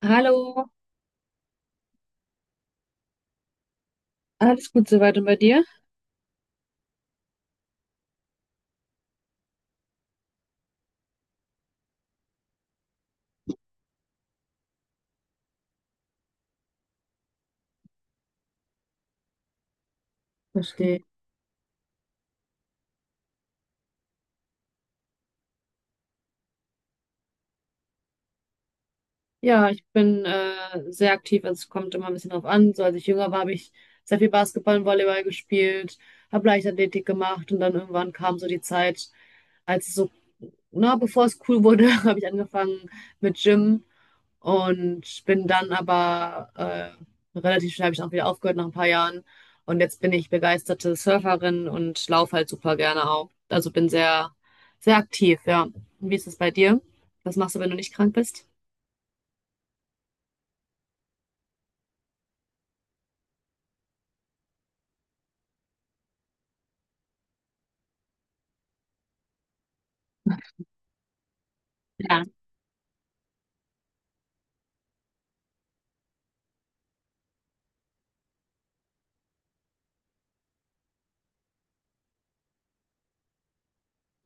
Hallo, alles gut soweit und bei dir? Verstehe. Ja, ich bin sehr aktiv, also es kommt immer ein bisschen drauf an. So, als ich jünger war, habe ich sehr viel Basketball und Volleyball gespielt, habe Leichtathletik gemacht und dann irgendwann kam so die Zeit, als es so, na, bevor es cool wurde, habe ich angefangen mit Gym und bin dann aber relativ schnell habe ich auch wieder aufgehört nach ein paar Jahren und jetzt bin ich begeisterte Surferin und laufe halt super gerne auch. Also bin sehr, sehr aktiv, ja. Und wie ist es bei dir? Was machst du, wenn du nicht krank bist?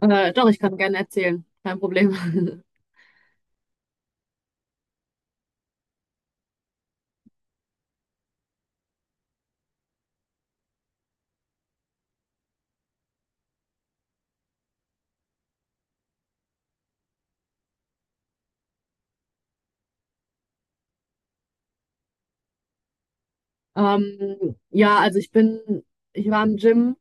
Doch, ich kann gerne erzählen. Kein Problem. Ja, also ich war im Gym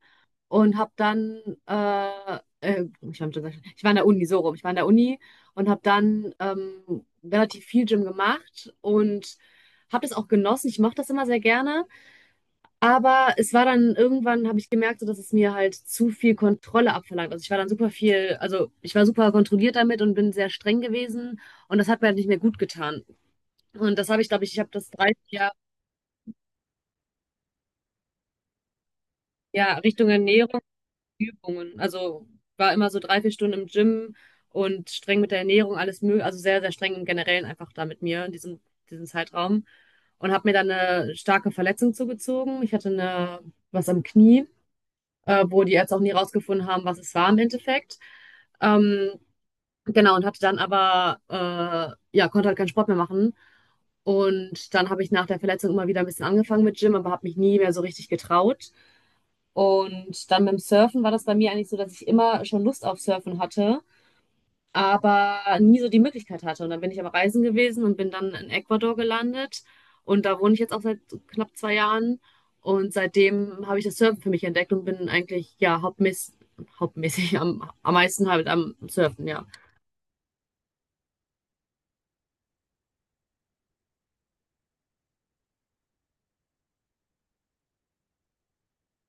und habe dann, ich war im Gym, sag ich schon. Ich war in der Uni, so rum. Ich war in der Uni und habe dann relativ viel Gym gemacht und habe das auch genossen. Ich mochte das immer sehr gerne. Aber es war dann irgendwann, habe ich gemerkt, so, dass es mir halt zu viel Kontrolle abverlangt. Also ich war dann super viel, also ich war super kontrolliert damit und bin sehr streng gewesen und das hat mir halt nicht mehr gut getan. Und das habe ich, glaube ich, ich habe das 30 Jahre, ja, Richtung Ernährung, Übungen. Also war immer so drei, vier Stunden im Gym und streng mit der Ernährung, alles möglich, also sehr, sehr streng im Generellen einfach da mit mir in diesem Zeitraum. Und habe mir dann eine starke Verletzung zugezogen. Ich hatte eine, was am Knie, wo die Ärzte auch nie rausgefunden haben, was es war im Endeffekt. Ähm, genau, und hatte dann aber, ja, konnte halt keinen Sport mehr machen. Und dann habe ich nach der Verletzung immer wieder ein bisschen angefangen mit Gym, aber habe mich nie mehr so richtig getraut. Und dann beim Surfen war das bei mir eigentlich so, dass ich immer schon Lust auf Surfen hatte, aber nie so die Möglichkeit hatte. Und dann bin ich am Reisen gewesen und bin dann in Ecuador gelandet. Und da wohne ich jetzt auch seit knapp zwei Jahren. Und seitdem habe ich das Surfen für mich entdeckt und bin eigentlich, ja, hauptmäßig am meisten halt am Surfen, ja.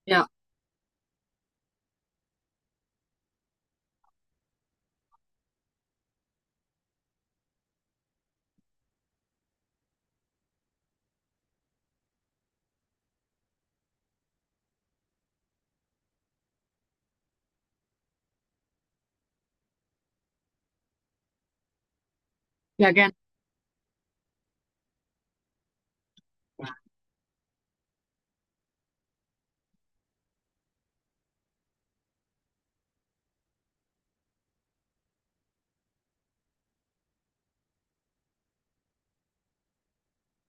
Ja, ja, gerne.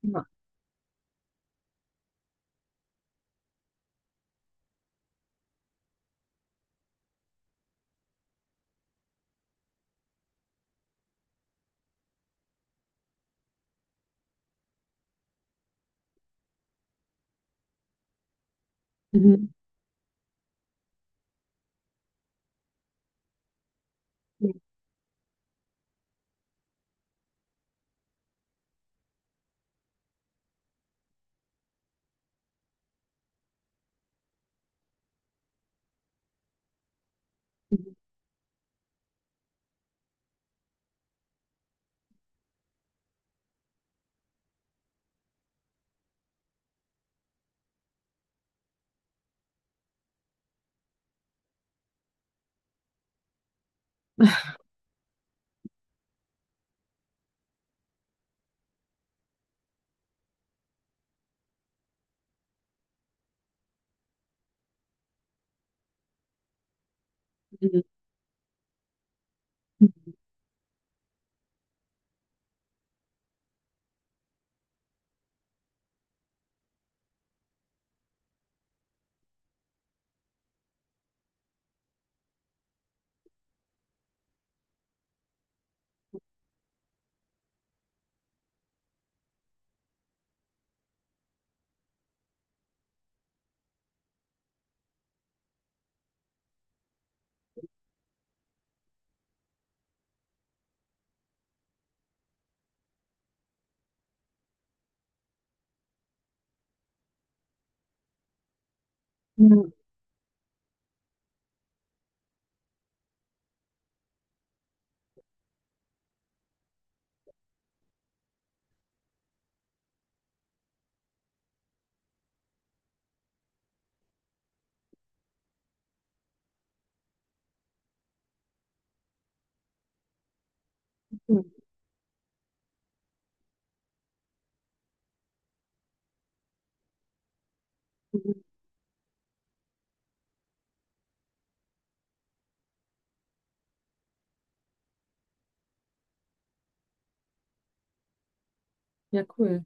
Ja. Mhm. Ja, cool.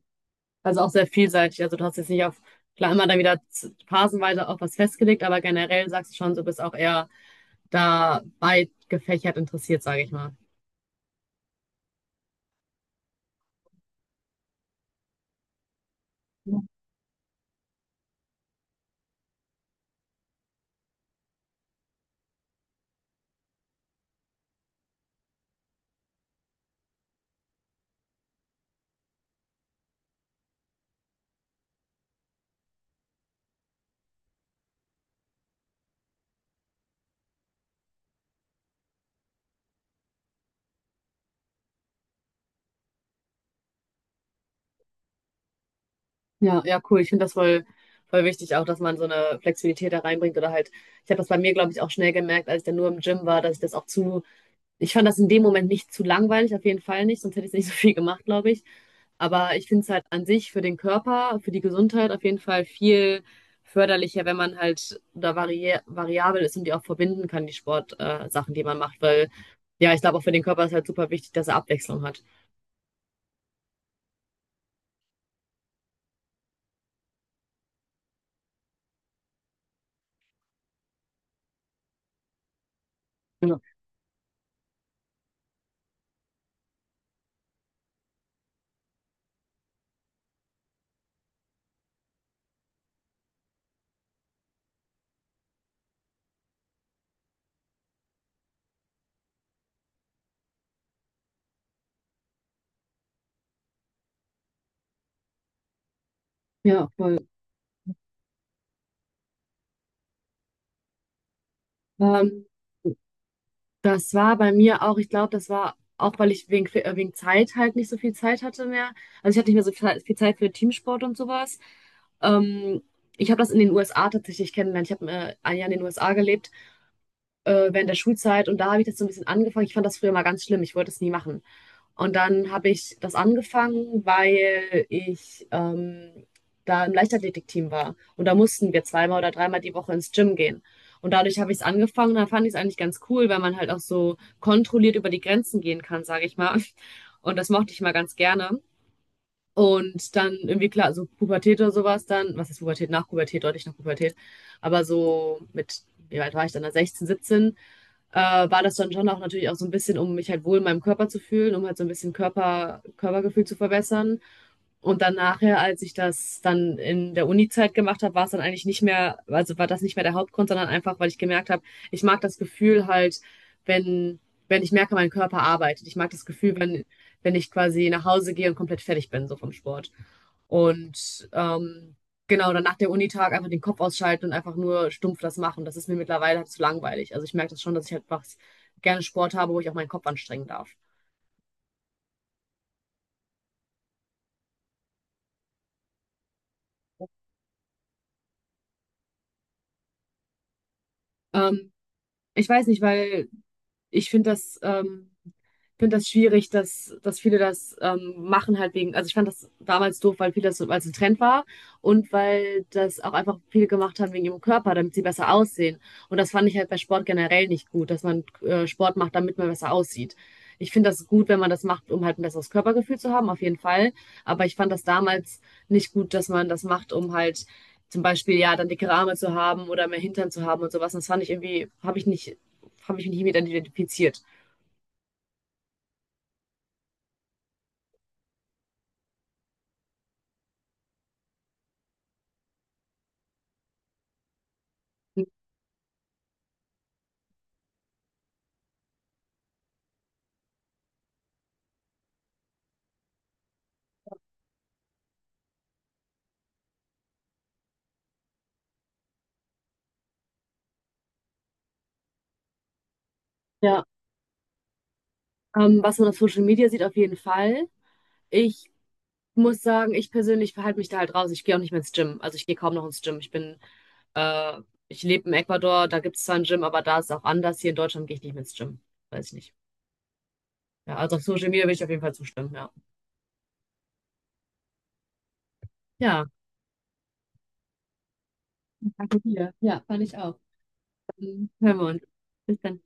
Also auch sehr vielseitig. Also du hast jetzt nicht auf, klar, immer dann wieder phasenweise auf was festgelegt, aber generell sagst du schon, du bist auch eher da weit gefächert interessiert, sage ich mal. Ja, ja, cool. Ich finde das voll, voll wichtig auch, dass man so eine Flexibilität da reinbringt oder halt, ich habe das bei mir, glaube ich, auch schnell gemerkt, als ich dann nur im Gym war, dass ich das auch zu, ich fand das in dem Moment nicht zu langweilig, auf jeden Fall nicht, sonst hätte ich nicht so viel gemacht, glaube ich. Aber ich finde es halt an sich für den Körper, für die Gesundheit auf jeden Fall viel förderlicher, wenn man halt da variabel ist und die auch verbinden kann, die Sportsachen, Sachen, die man macht. Weil ja, ich glaube, auch für den Körper ist halt super wichtig, dass er Abwechslung hat. Ja. Ja, voll. Ähm, das war bei mir auch, ich glaube, das war auch, weil ich wegen Zeit halt nicht so viel Zeit hatte mehr. Also ich hatte nicht mehr so viel Zeit für Teamsport und sowas. Ähm, ich habe das in den USA tatsächlich kennengelernt. Ich habe ein Jahr in den USA gelebt. Während der Schulzeit und da habe ich das so ein bisschen angefangen. Ich fand das früher mal ganz schlimm, ich wollte es nie machen. Und dann habe ich das angefangen, weil ich da im Leichtathletikteam war und da mussten wir zweimal oder dreimal die Woche ins Gym gehen. Und dadurch habe ich es angefangen und dann fand ich es eigentlich ganz cool, weil man halt auch so kontrolliert über die Grenzen gehen kann, sage ich mal. Und das mochte ich mal ganz gerne. Und dann irgendwie klar, so Pubertät oder sowas dann, was ist Pubertät? Nach Pubertät, deutlich nach Pubertät. Aber so mit, wie alt war ich dann? 16, 17, äh, war das dann schon auch natürlich auch so ein bisschen, um mich halt wohl in meinem Körper zu fühlen, um halt so ein bisschen Körpergefühl zu verbessern. Und dann nachher, als ich das dann in der Uni-Zeit gemacht habe, war es dann eigentlich nicht mehr, also war das nicht mehr der Hauptgrund, sondern einfach, weil ich gemerkt habe, ich mag das Gefühl halt, wenn, wenn ich merke, mein Körper arbeitet. Ich mag das Gefühl, wenn ich quasi nach Hause gehe und komplett fertig bin, so vom Sport. Und genau, dann nach der Unitag einfach den Kopf ausschalten und einfach nur stumpf das machen. Das ist mir mittlerweile halt zu langweilig. Also ich merke das schon, dass ich halt was gerne Sport habe, wo ich auch meinen Kopf anstrengen darf. Ähm, ich weiß nicht, weil ich finde das schwierig, dass viele das machen halt wegen, also ich fand das damals doof, weil viele das, weil es ein Trend war und weil das auch einfach viele gemacht haben wegen ihrem Körper, damit sie besser aussehen. Und das fand ich halt bei Sport generell nicht gut, dass man Sport macht, damit man besser aussieht. Ich finde das gut, wenn man das macht, um halt ein besseres Körpergefühl zu haben, auf jeden Fall. Aber ich fand das damals nicht gut, dass man das macht, um halt zum Beispiel ja dann dickere Arme zu haben oder mehr Hintern zu haben und sowas. Und das fand ich irgendwie, habe ich mich nicht mit identifiziert. Ja. Was man auf Social Media sieht, auf jeden Fall. Ich muss sagen, ich persönlich verhalte mich da halt raus. Ich gehe auch nicht mehr ins Gym. Also ich gehe kaum noch ins Gym. Äh, ich lebe in Ecuador, da gibt es zwar ein Gym, aber da ist es auch anders. Hier in Deutschland gehe ich nicht mehr ins Gym. Weiß ich nicht. Ja, also auf Social Media will ich auf jeden Fall zustimmen, ja. Ja, danke dir. Ja, fand ich auch. Dann hören wir uns. Bis dann.